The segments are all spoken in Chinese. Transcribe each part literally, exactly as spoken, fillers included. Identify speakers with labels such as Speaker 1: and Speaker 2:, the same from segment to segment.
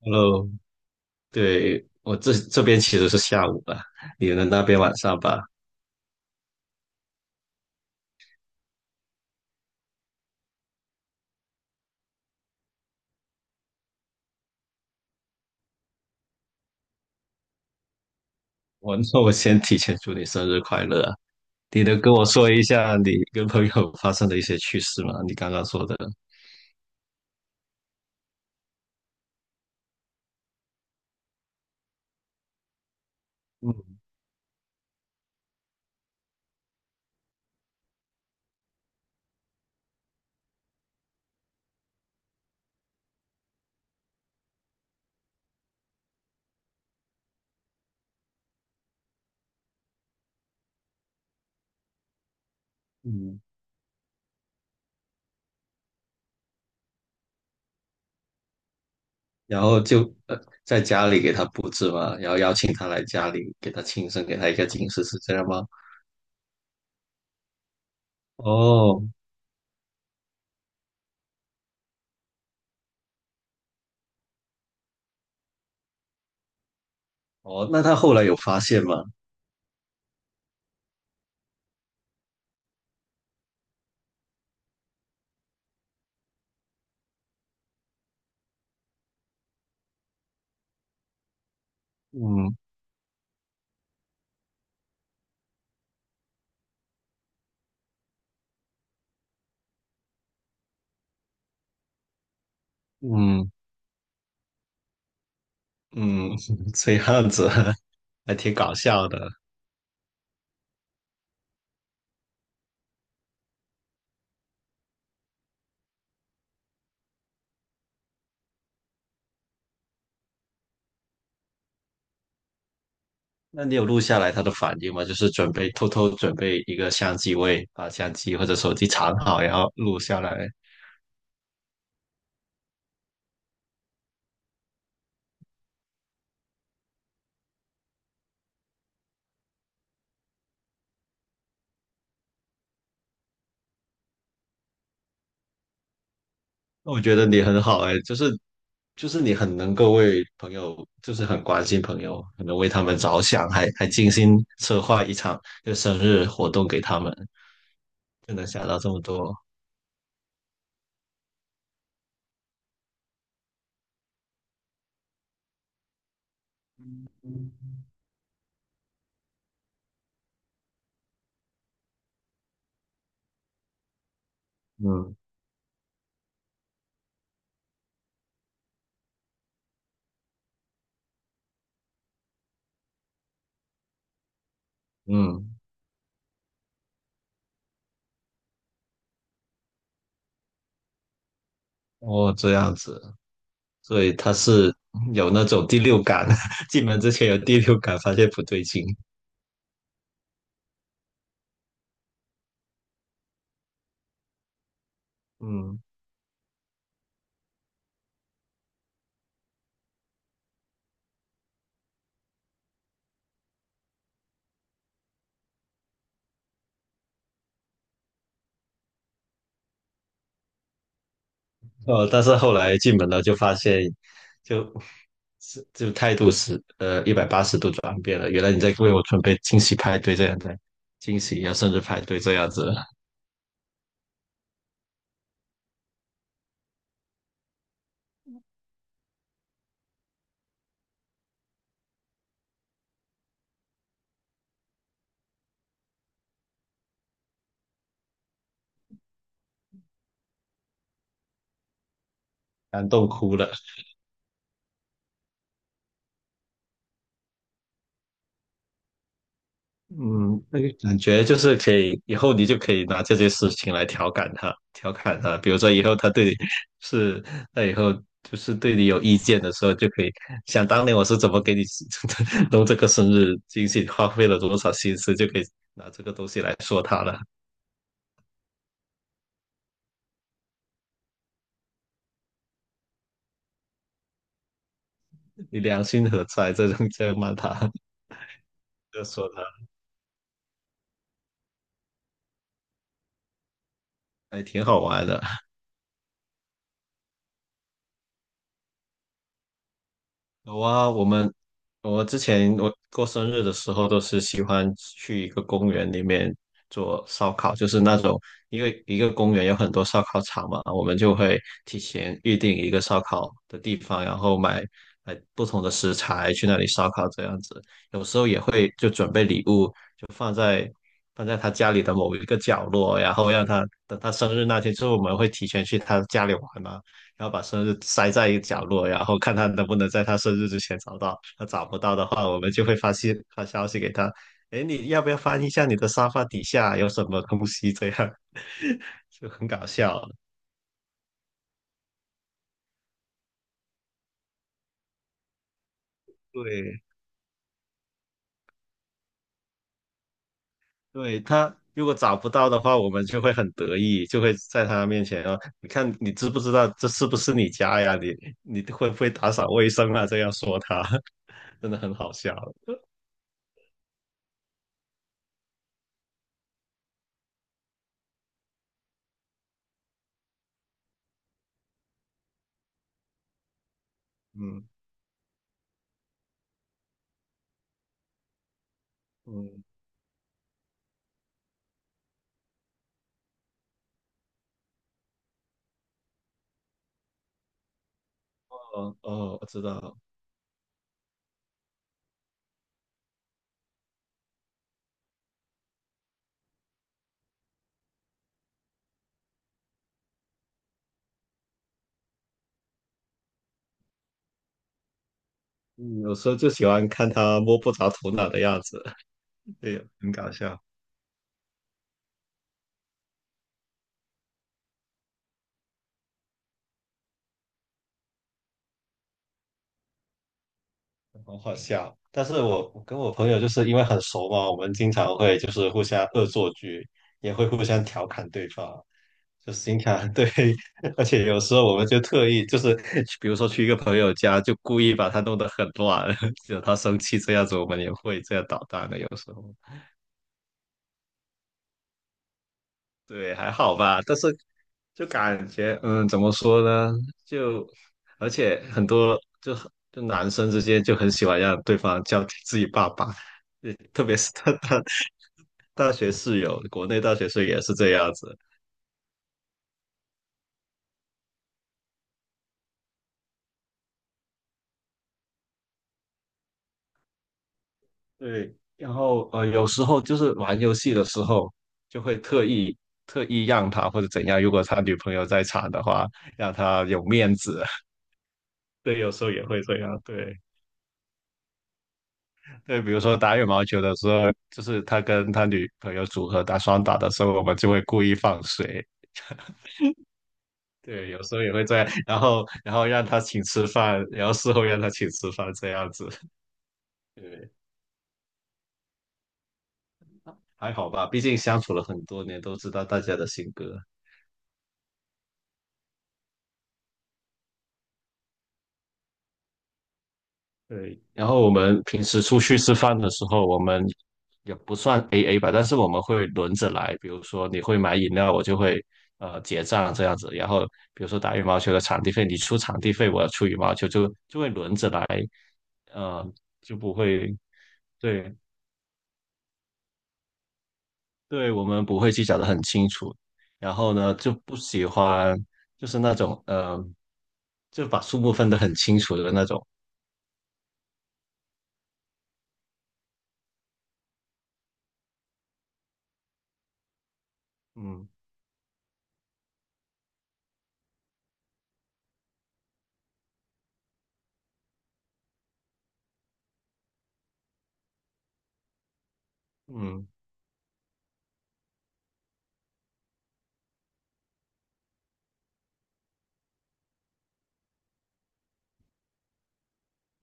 Speaker 1: Hello，对，我这这边其实是下午吧，你们那边晚上吧。我那 我先提前祝你生日快乐啊！你能跟我说一下你跟朋友发生的一些趣事吗？你刚刚说的，嗯嗯，然后就呃在家里给他布置嘛，然后邀请他来家里给他庆生，给他一个惊喜，是这样吗？哦哦，那他后来有发现吗？嗯嗯嗯，这样子 还挺搞笑的。那你有录下来他的反应吗？就是准备偷偷准备一个相机位，把相机或者手机藏好，然后录下来。那我觉得你很好哎，就是就是你很能够为朋友，就是很关心朋友，很能为他们着想，还还精心策划一场就生日活动给他们，就能想到这么多。嗯嗯，哦，这样子，所以他是有那种第六感，进门之前有第六感，发现不对劲。嗯。呃，但是后来进门了，就发现就，是就态度是呃一百八十度转变了。原来你在为我准备惊喜派对这样子，惊喜呀，生日派对这样子，感动哭了。嗯，那个感觉就是可以，以后你就可以拿这件事情来调侃他，调侃他。比如说以后他对你是，那以后就是对你有意见的时候，就可以想当年我是怎么给你 弄这个生日惊喜，花费了多少心思，就可以拿这个东西来说他了。你良心何在？这种这样骂他，就说他，还挺好玩的。有啊，我们我之前我过生日的时候都是喜欢去一个公园里面做烧烤，就是那种因为一个公园有很多烧烤场嘛，我们就会提前预定一个烧烤的地方，然后买买不同的食材去那里烧烤这样子。有时候也会就准备礼物，放在他家里的某一个角落，然后让他等他生日那天，就是我们会提前去他家里玩嘛，然后把生日塞在一个角落，然后看他能不能在他生日之前找到。他找不到的话，我们就会发信发消息给他，哎，你要不要翻一下你的沙发底下有什么东西？这样 就很搞笑。对，对他如果找不到的话，我们就会很得意，就会在他面前啊，你看你知不知道这是不是你家呀？你你会不会打扫卫生啊？这样说他，真的很好笑。嗯嗯，哦哦，我知道了。嗯，有时候就喜欢看他摸不着头脑的样子，对，很搞笑，很好笑。但是我我跟我朋友就是因为很熟嘛，我们经常会就是互相恶作剧，也会互相调侃对方。就是新卡，对，而且有时候我们就特意就是，比如说去一个朋友家，就故意把他弄得很乱，惹他生气这样子，我们也会这样捣蛋的。有时候，对，还好吧，但是就感觉，嗯，怎么说呢？就而且很多就很就男生之间就很喜欢让对方叫自己爸爸，对，特别是他他 大学室友，国内大学室友也是这样子，对，然后呃，有时候就是玩游戏的时候，就会特意特意让他或者怎样，如果他女朋友在场的话，让他有面子。对，有时候也会这样。对对，比如说打羽毛球的时候，就是他跟他女朋友组合打双打的时候，我们就会故意放水。对，有时候也会这样，然后然后让他请吃饭，然后事后让他请吃饭这样子。对，还好吧，毕竟相处了很多年，都知道大家的性格。对，然后我们平时出去吃饭的时候，我们也不算 A A 吧，但是我们会轮着来。比如说你会买饮料，我就会呃结账这样子。然后比如说打羽毛球的场地费，你出场地费，我要出羽毛球，就就会轮着来，呃，就不会，对对，我们不会计较的很清楚。然后呢，就不喜欢就是那种呃，就把数目分得很清楚的那种，嗯。嗯，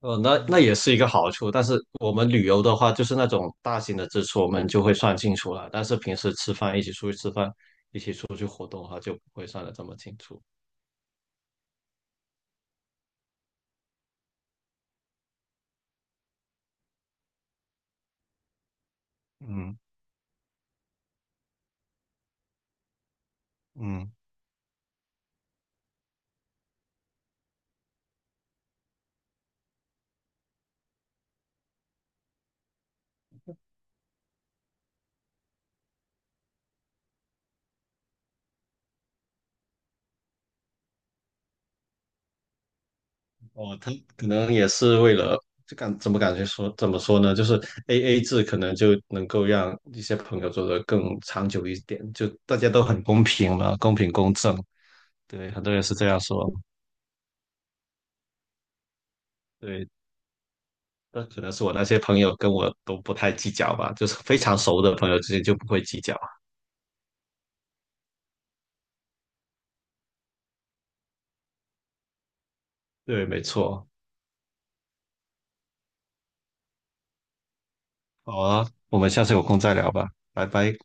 Speaker 1: 呃，那那也是一个好处，但是我们旅游的话，就是那种大型的支出，我们就会算清楚了。但是平时吃饭，一起出去吃饭，一起出去活动的话，就不会算得这么清楚。嗯嗯哦，他可能也是为了，就感怎么感觉说怎么说呢？就是 A A 制可能就能够让一些朋友做得更长久一点，就大家都很公平嘛，公平公正。对，很多人是这样说。对。那可能是我那些朋友跟我都不太计较吧，就是非常熟的朋友之间就不会计较。对，没错。好啊，我们下次有空再聊吧，拜拜。